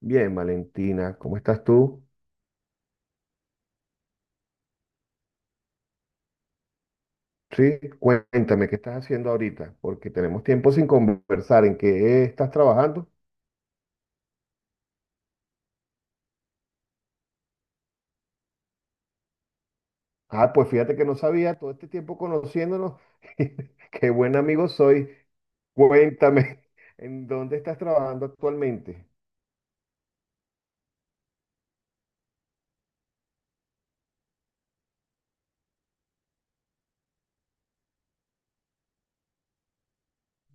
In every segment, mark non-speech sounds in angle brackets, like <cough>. Bien, Valentina, ¿cómo estás tú? Sí, cuéntame, ¿qué estás haciendo ahorita? Porque tenemos tiempo sin conversar. ¿En qué estás trabajando? Ah, pues fíjate que no sabía todo este tiempo conociéndonos. <laughs> Qué buen amigo soy. Cuéntame, <laughs> ¿en dónde estás trabajando actualmente?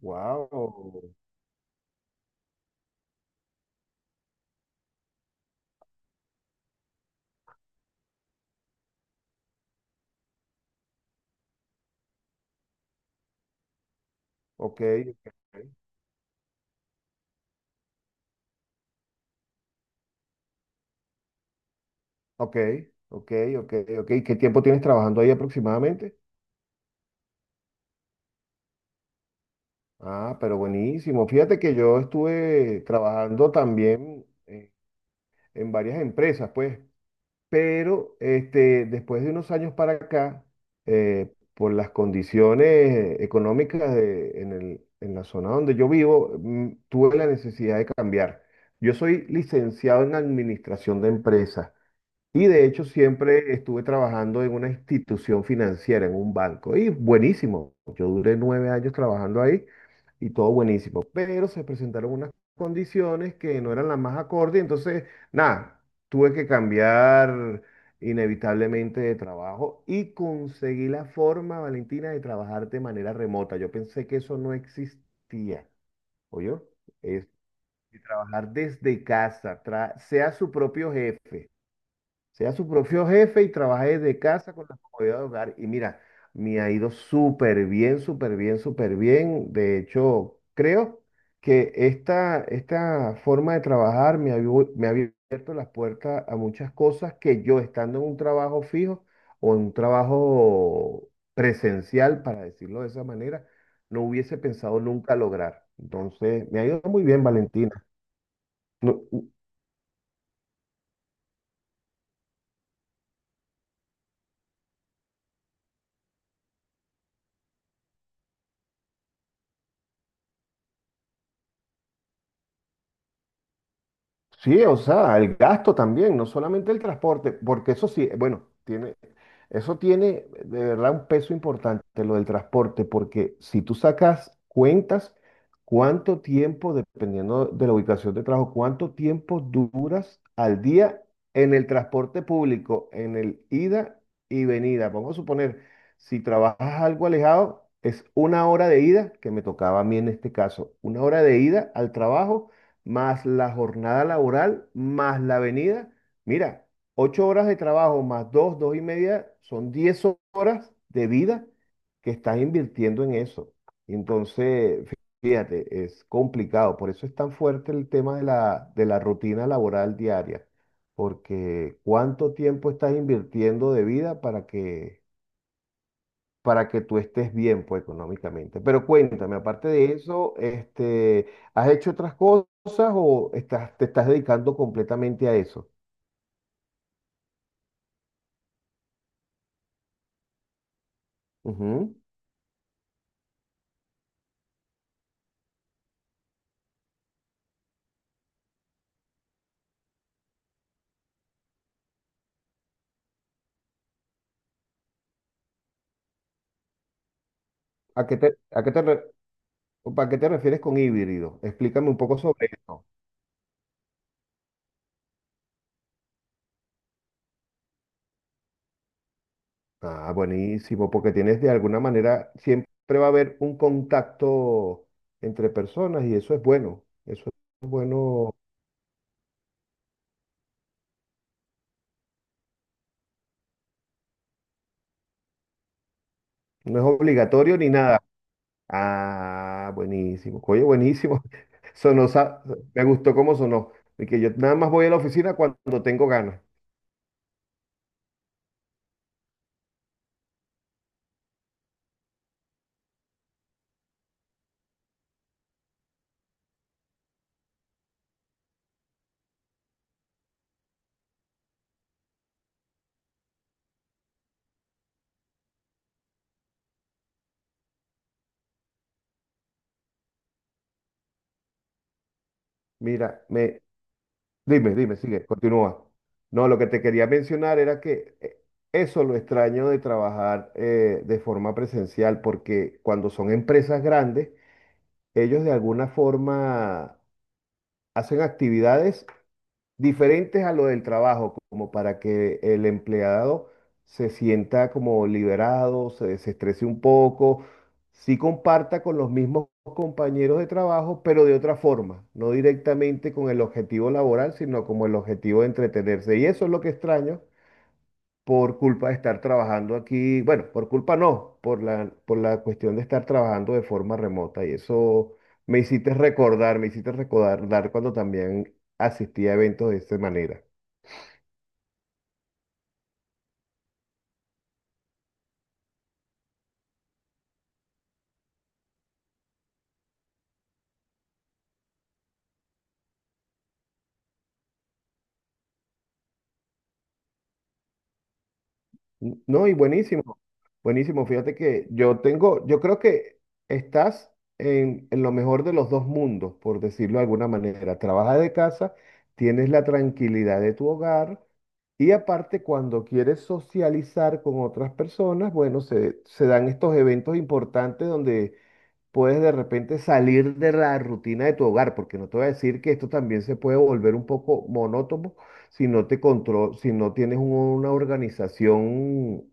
Wow, ok, ok, ok, ok, ok. ¿Qué tiempo tienes trabajando ahí aproximadamente? Ah, pero buenísimo. Fíjate que yo estuve trabajando también, en varias empresas, pues. Pero este, después de unos años para acá, por las condiciones económicas en la zona donde yo vivo, tuve la necesidad de cambiar. Yo soy licenciado en administración de empresas y de hecho siempre estuve trabajando en una institución financiera, en un banco. Y buenísimo. Yo duré 9 años trabajando ahí y todo buenísimo. Pero se presentaron unas condiciones que no eran las más acordes. Entonces, nada, tuve que cambiar inevitablemente de trabajo y conseguí la forma, Valentina, de trabajar de manera remota. Yo pensé que eso no existía. ¿Oyó? Es de trabajar desde casa, sea su propio jefe. Sea su propio jefe y trabajé de casa con la comodidad de hogar. Y mira, me ha ido súper bien, súper bien, súper bien. De hecho, creo que esta forma de trabajar me ha abierto las puertas a muchas cosas que yo estando en un trabajo fijo o en un trabajo presencial, para decirlo de esa manera, no hubiese pensado nunca lograr. Entonces, me ha ido muy bien, Valentina. No- Sí, o sea, el gasto también, no solamente el transporte, porque eso sí, bueno, eso tiene de verdad un peso importante, lo del transporte, porque si tú sacas cuentas, cuánto tiempo, dependiendo de la ubicación de trabajo, cuánto tiempo duras al día en el transporte público, en el ida y venida. Vamos a suponer, si trabajas algo alejado, es 1 hora de ida, que me tocaba a mí en este caso, 1 hora de ida al trabajo, más la jornada laboral, más la venida. Mira. 8 horas de trabajo más 2, 2 y media, son 10 horas de vida que estás invirtiendo en eso. Entonces, fíjate, es complicado. Por eso es tan fuerte el tema de la rutina laboral diaria. Porque cuánto tiempo estás invirtiendo de vida para que tú estés bien, pues, económicamente. Pero cuéntame, aparte de eso, este, ¿has hecho otras cosas o te estás dedicando completamente a eso? Ujú. A qué te, re- ¿Para qué te refieres con híbrido? Explícame un poco sobre eso. Ah, buenísimo, porque tienes de alguna manera, siempre va a haber un contacto entre personas y eso es bueno. Eso es bueno, no es obligatorio ni nada. Ah, buenísimo. Oye, buenísimo. <laughs> Sonó, sa- me gustó cómo sonó. Y que yo nada más voy a la oficina cuando tengo ganas. Mira. Dime, dime, sigue, continúa. No, lo que te quería mencionar era que eso lo extraño de trabajar de forma presencial, porque cuando son empresas grandes, ellos de alguna forma hacen actividades diferentes a lo del trabajo, como para que el empleado se sienta como liberado, se desestrese un poco, sí comparta con los mismos compañeros de trabajo, pero de otra forma, no directamente con el objetivo laboral, sino como el objetivo de entretenerse. Y eso es lo que extraño por culpa de estar trabajando aquí, bueno, por culpa no, por la cuestión de estar trabajando de forma remota. Y eso me hiciste recordar cuando también asistí a eventos de esa manera. No, y buenísimo, buenísimo. Fíjate que yo creo que estás en lo mejor de los dos mundos, por decirlo de alguna manera. Trabajas de casa, tienes la tranquilidad de tu hogar y aparte cuando quieres socializar con otras personas, bueno, se dan estos eventos importantes donde puedes de repente salir de la rutina de tu hogar, porque no te voy a decir que esto también se puede volver un poco monótono si no tienes una organización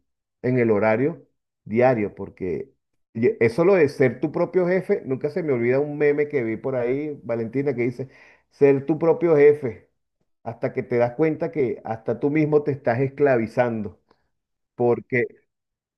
en el horario diario, porque y eso lo de ser tu propio jefe, nunca se me olvida un meme que vi por ahí, Valentina, que dice, ser tu propio jefe, hasta que te das cuenta que hasta tú mismo te estás esclavizando. Porque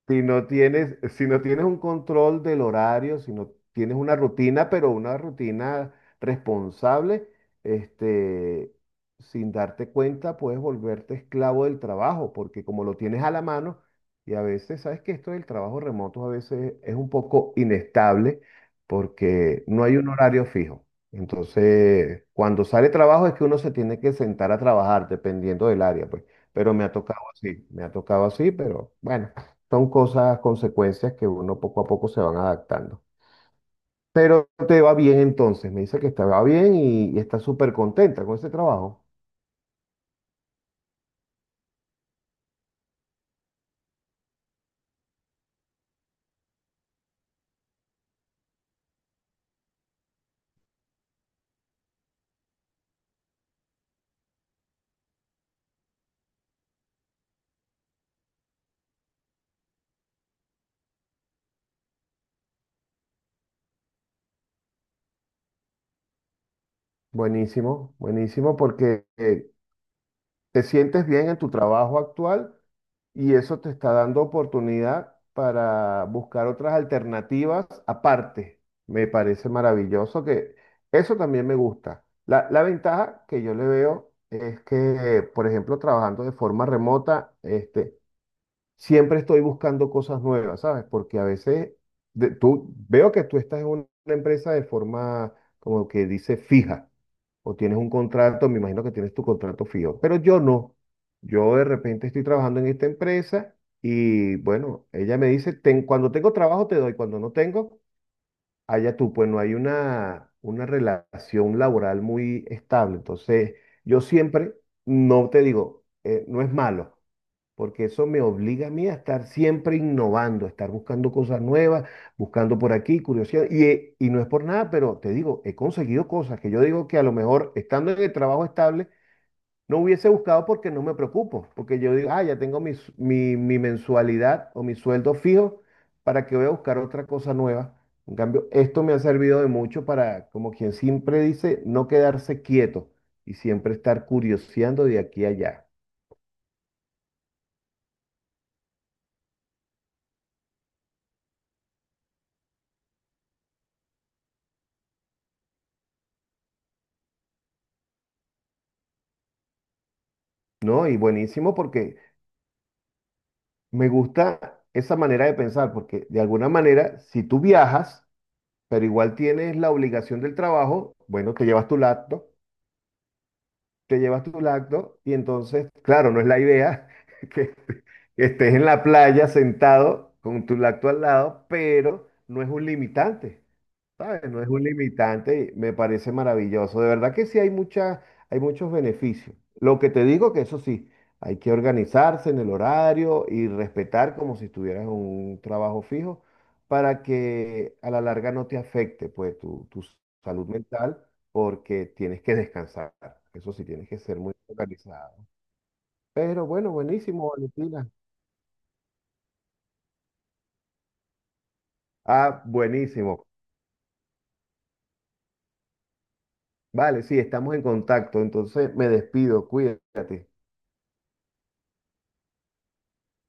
si no tienes un control del horario, si no tienes una rutina, pero una rutina responsable, este, sin darte cuenta puedes volverte esclavo del trabajo, porque como lo tienes a la mano, y a veces, sabes que esto del trabajo remoto a veces es un poco inestable, porque no hay un horario fijo. Entonces, cuando sale trabajo es que uno se tiene que sentar a trabajar, dependiendo del área, pues. Pero me ha tocado así, me ha tocado así, pero bueno. Son cosas, consecuencias que uno poco a poco se van adaptando. Pero te va bien entonces, me dice que te va bien y está súper contenta con ese trabajo. Buenísimo, buenísimo porque te sientes bien en tu trabajo actual y eso te está dando oportunidad para buscar otras alternativas aparte. Me parece maravilloso que eso también me gusta. La ventaja que yo le veo es que, por ejemplo, trabajando de forma remota, este, siempre estoy buscando cosas nuevas, ¿sabes? Porque a veces tú veo que tú estás una empresa de forma, como que dice, fija, o tienes un contrato, me imagino que tienes tu contrato fijo, pero yo no. Yo de repente estoy trabajando en esta empresa y bueno, ella me dice, cuando tengo trabajo te doy, cuando no tengo, allá tú, pues no hay una relación laboral muy estable. Entonces, yo siempre, no te digo, no es malo porque eso me obliga a mí a estar siempre innovando, a estar buscando cosas nuevas, buscando por aquí, curiosidad. Y no es por nada, pero te digo, he conseguido cosas que yo digo que a lo mejor estando en el trabajo estable no hubiese buscado porque no me preocupo, porque yo digo, ah, ya tengo mi mensualidad o mi sueldo fijo, ¿para que voy a buscar otra cosa nueva? En cambio, esto me ha servido de mucho para, como quien siempre dice, no quedarse quieto y siempre estar curioseando de aquí a allá. No, y buenísimo porque me gusta esa manera de pensar, porque de alguna manera, si tú viajas, pero igual tienes la obligación del trabajo, bueno, te llevas tu laptop, y entonces, claro, no es la idea <laughs> que, que estés en la playa sentado con tu laptop al lado, pero no es un limitante. ¿Sabes? No es un limitante, me parece maravilloso. De verdad que sí hay hay muchos beneficios. Lo que te digo que eso sí, hay que organizarse en el horario y respetar como si estuvieras en un trabajo fijo para que a la larga no te afecte pues tu salud mental porque tienes que descansar. Eso sí, tienes que ser muy organizado. Pero bueno, buenísimo, Valentina. Ah, buenísimo. Vale, sí, estamos en contacto. Entonces me despido, cuídate.